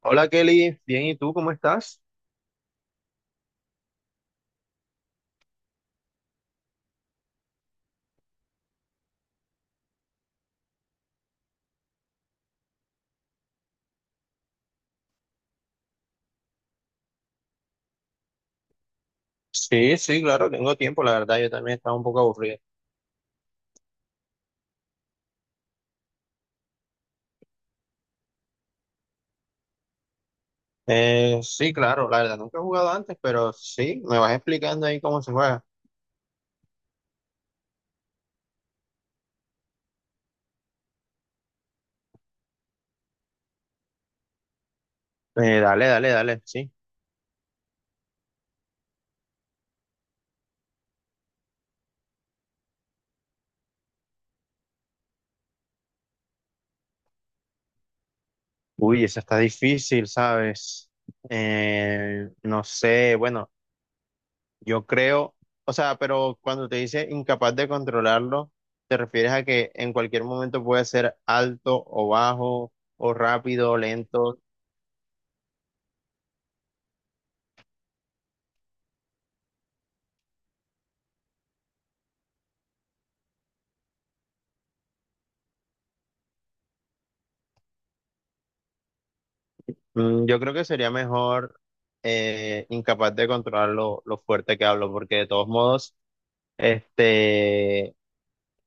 Hola Kelly, bien, ¿y tú cómo estás? Sí, sí, claro, tengo tiempo, la verdad, yo también estaba un poco aburrido. Sí, claro, la verdad, nunca he jugado antes, pero sí, me vas explicando ahí cómo se juega. Dale, dale, dale, sí. Uy, esa está difícil, ¿sabes? No sé, bueno, yo creo, o sea, pero cuando te dice incapaz de controlarlo, ¿te refieres a que en cualquier momento puede ser alto o bajo, o rápido o lento? Mm, yo creo que sería mejor incapaz de controlar lo fuerte que hablo, porque de todos modos, este,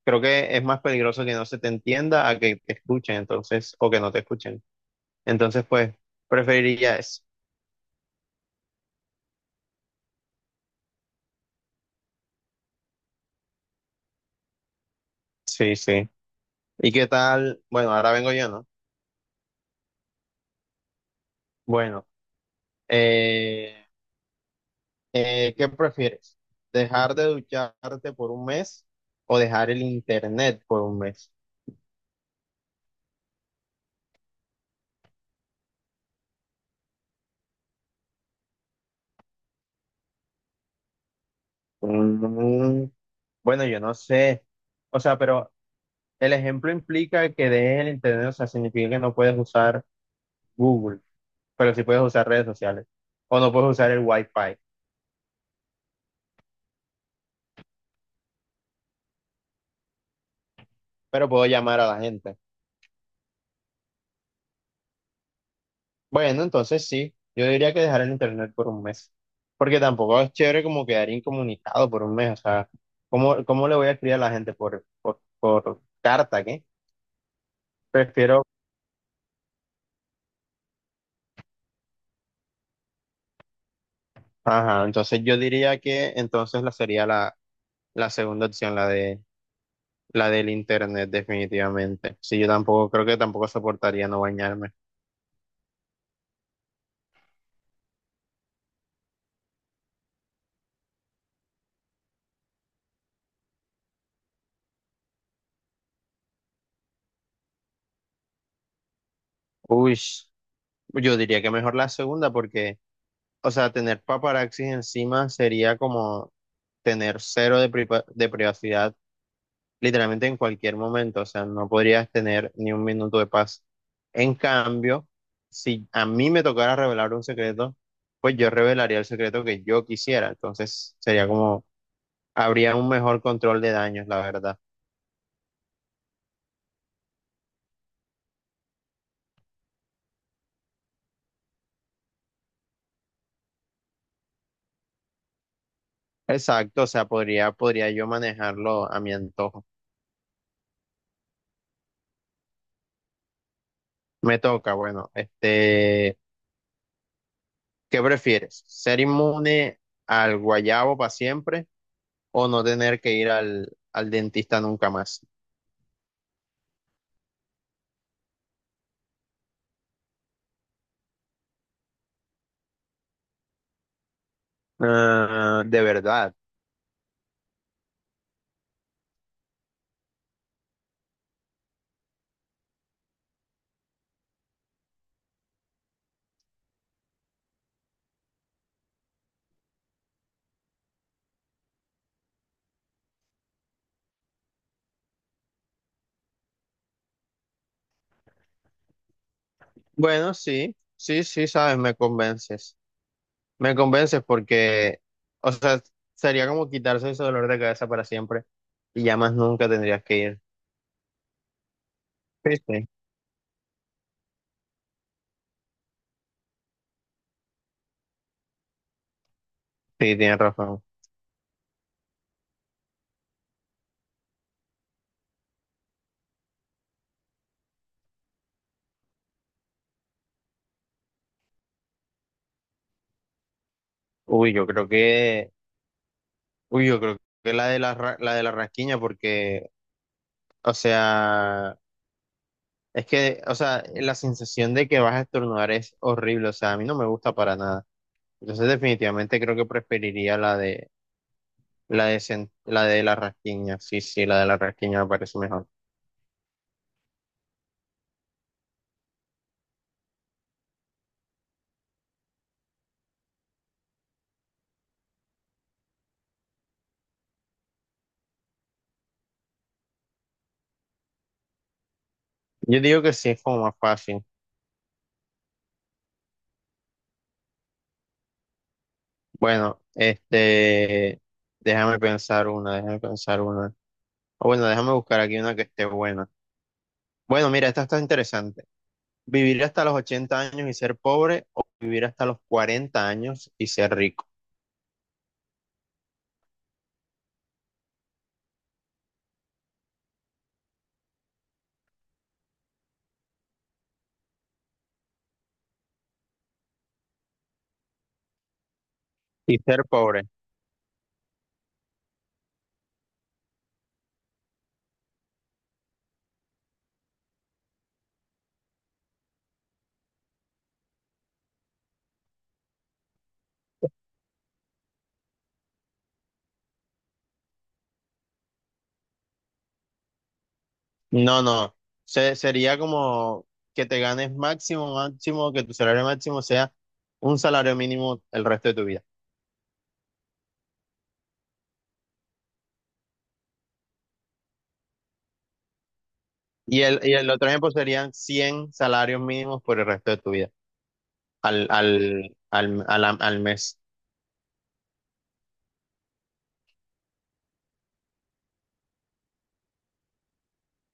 creo que es más peligroso que no se te entienda a que te escuchen, entonces, o que no te escuchen. Entonces, pues, preferiría eso. Sí, sí. ¿Y qué tal? Bueno, ahora vengo yo, ¿no? Bueno, eh, ¿qué prefieres? ¿Dejar de ducharte por un mes o dejar el internet por un mes? Mm, bueno, yo no sé. O sea, pero el ejemplo implica que dejes el internet, o sea, significa que no puedes usar Google, pero sí puedes usar redes sociales. O no puedes usar el Wi-Fi, pero puedo llamar a la gente. Bueno, entonces sí, yo diría que dejar el internet por un mes. Porque tampoco es chévere como quedar incomunicado por un mes. O sea, ¿cómo le voy a escribir a la gente por carta, ¿qué? Prefiero, ajá, entonces yo diría que entonces la segunda opción, la del internet, definitivamente. Sí, yo tampoco, creo que tampoco soportaría no bañarme. Uy, yo diría que mejor la segunda porque, o sea, tener paparazzis encima sería como tener cero de privacidad literalmente en cualquier momento. O sea, no podrías tener ni un minuto de paz. En cambio, si a mí me tocara revelar un secreto, pues yo revelaría el secreto que yo quisiera. Entonces, sería como, habría un mejor control de daños, la verdad. Exacto, o sea, podría yo manejarlo a mi antojo. Me toca, bueno, este, ¿qué prefieres? ¿Ser inmune al guayabo para siempre o no tener que ir al dentista nunca más? Ah, ¿de verdad? Bueno, sí, sí, sí, sabes, me convences. Me convences porque, o sea, sería como quitarse ese dolor de cabeza para siempre y ya más nunca tendrías que ir. Sí, sí, sí, tienes razón. Uy, yo creo que... Uy, yo creo que la de la de la rasquiña, porque, o sea, es que, o sea, la sensación de que vas a estornudar es horrible, o sea, a mí no me gusta para nada. Entonces, definitivamente creo que preferiría la de la de la rasquiña. Sí, sí, la de la rasquiña me parece mejor. Yo digo que sí es como más fácil. Bueno, este, déjame pensar una. O bueno, déjame buscar aquí una que esté buena. Bueno, mira, esta está interesante. Vivir hasta los 80 años y ser pobre o vivir hasta los 40 años y ser rico. Y ser pobre. No, no. Se- sería como que te ganes máximo, que tu salario máximo sea un salario mínimo el resto de tu vida. Y el otro ejemplo serían 100 salarios mínimos por el resto de tu vida, al mes.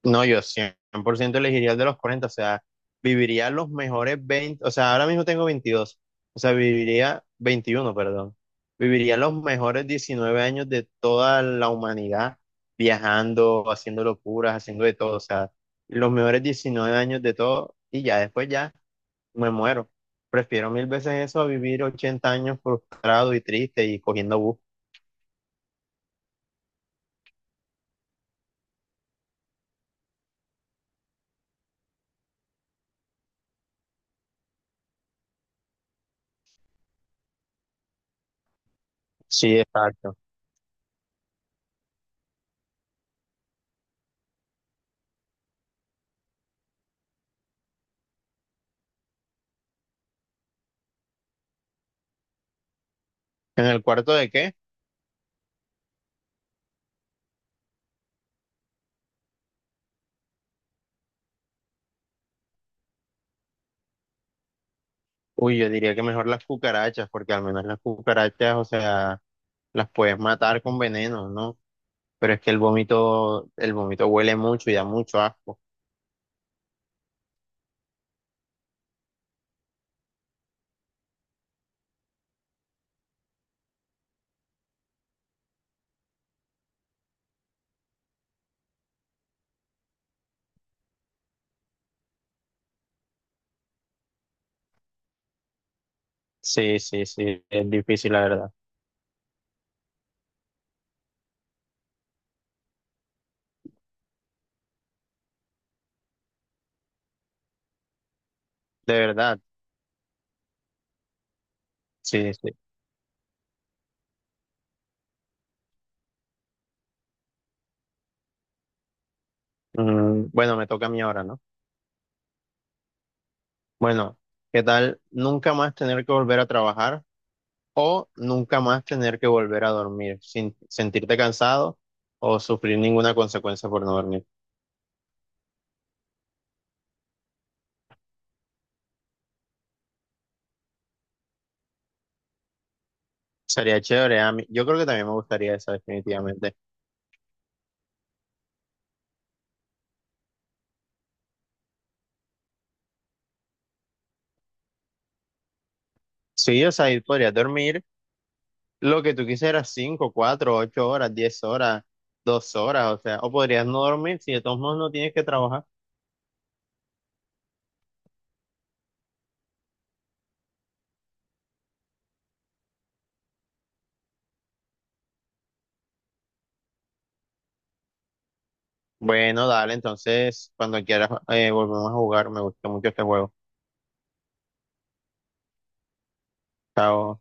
No, yo 100 por ciento elegiría el de los 40, o sea, viviría los mejores 20, o sea, ahora mismo tengo 22, o sea, viviría 21, perdón, viviría los mejores 19 años de toda la humanidad, viajando, haciendo locuras, haciendo de todo, o sea, los mejores 19 años de todo y ya después ya me muero. Prefiero mil veces eso a vivir 80 años frustrado y triste y cogiendo bus. Sí, exacto. ¿En el cuarto de qué? Uy, yo diría que mejor las cucarachas, porque al menos las cucarachas, o sea, las puedes matar con veneno, ¿no? Pero es que el vómito huele mucho y da mucho asco. Sí, sí, sí, es difícil, la verdad. De verdad, sí, sí. Mm, bueno, me toca a mí ahora, ¿no? Bueno, ¿qué tal nunca más tener que volver a trabajar o nunca más tener que volver a dormir sin sentirte cansado o sufrir ninguna consecuencia por no dormir? Sería chévere, a mí. Yo creo que también me gustaría esa, definitivamente. Sí, o sea, ahí podrías dormir lo que tú quisieras, 5 4 8 horas, 10 horas, 2 horas, o sea, o podrías no dormir si de todos modos no tienes que trabajar. Bueno, dale, entonces, cuando quieras, volvemos a jugar, me gusta mucho este juego. Chao.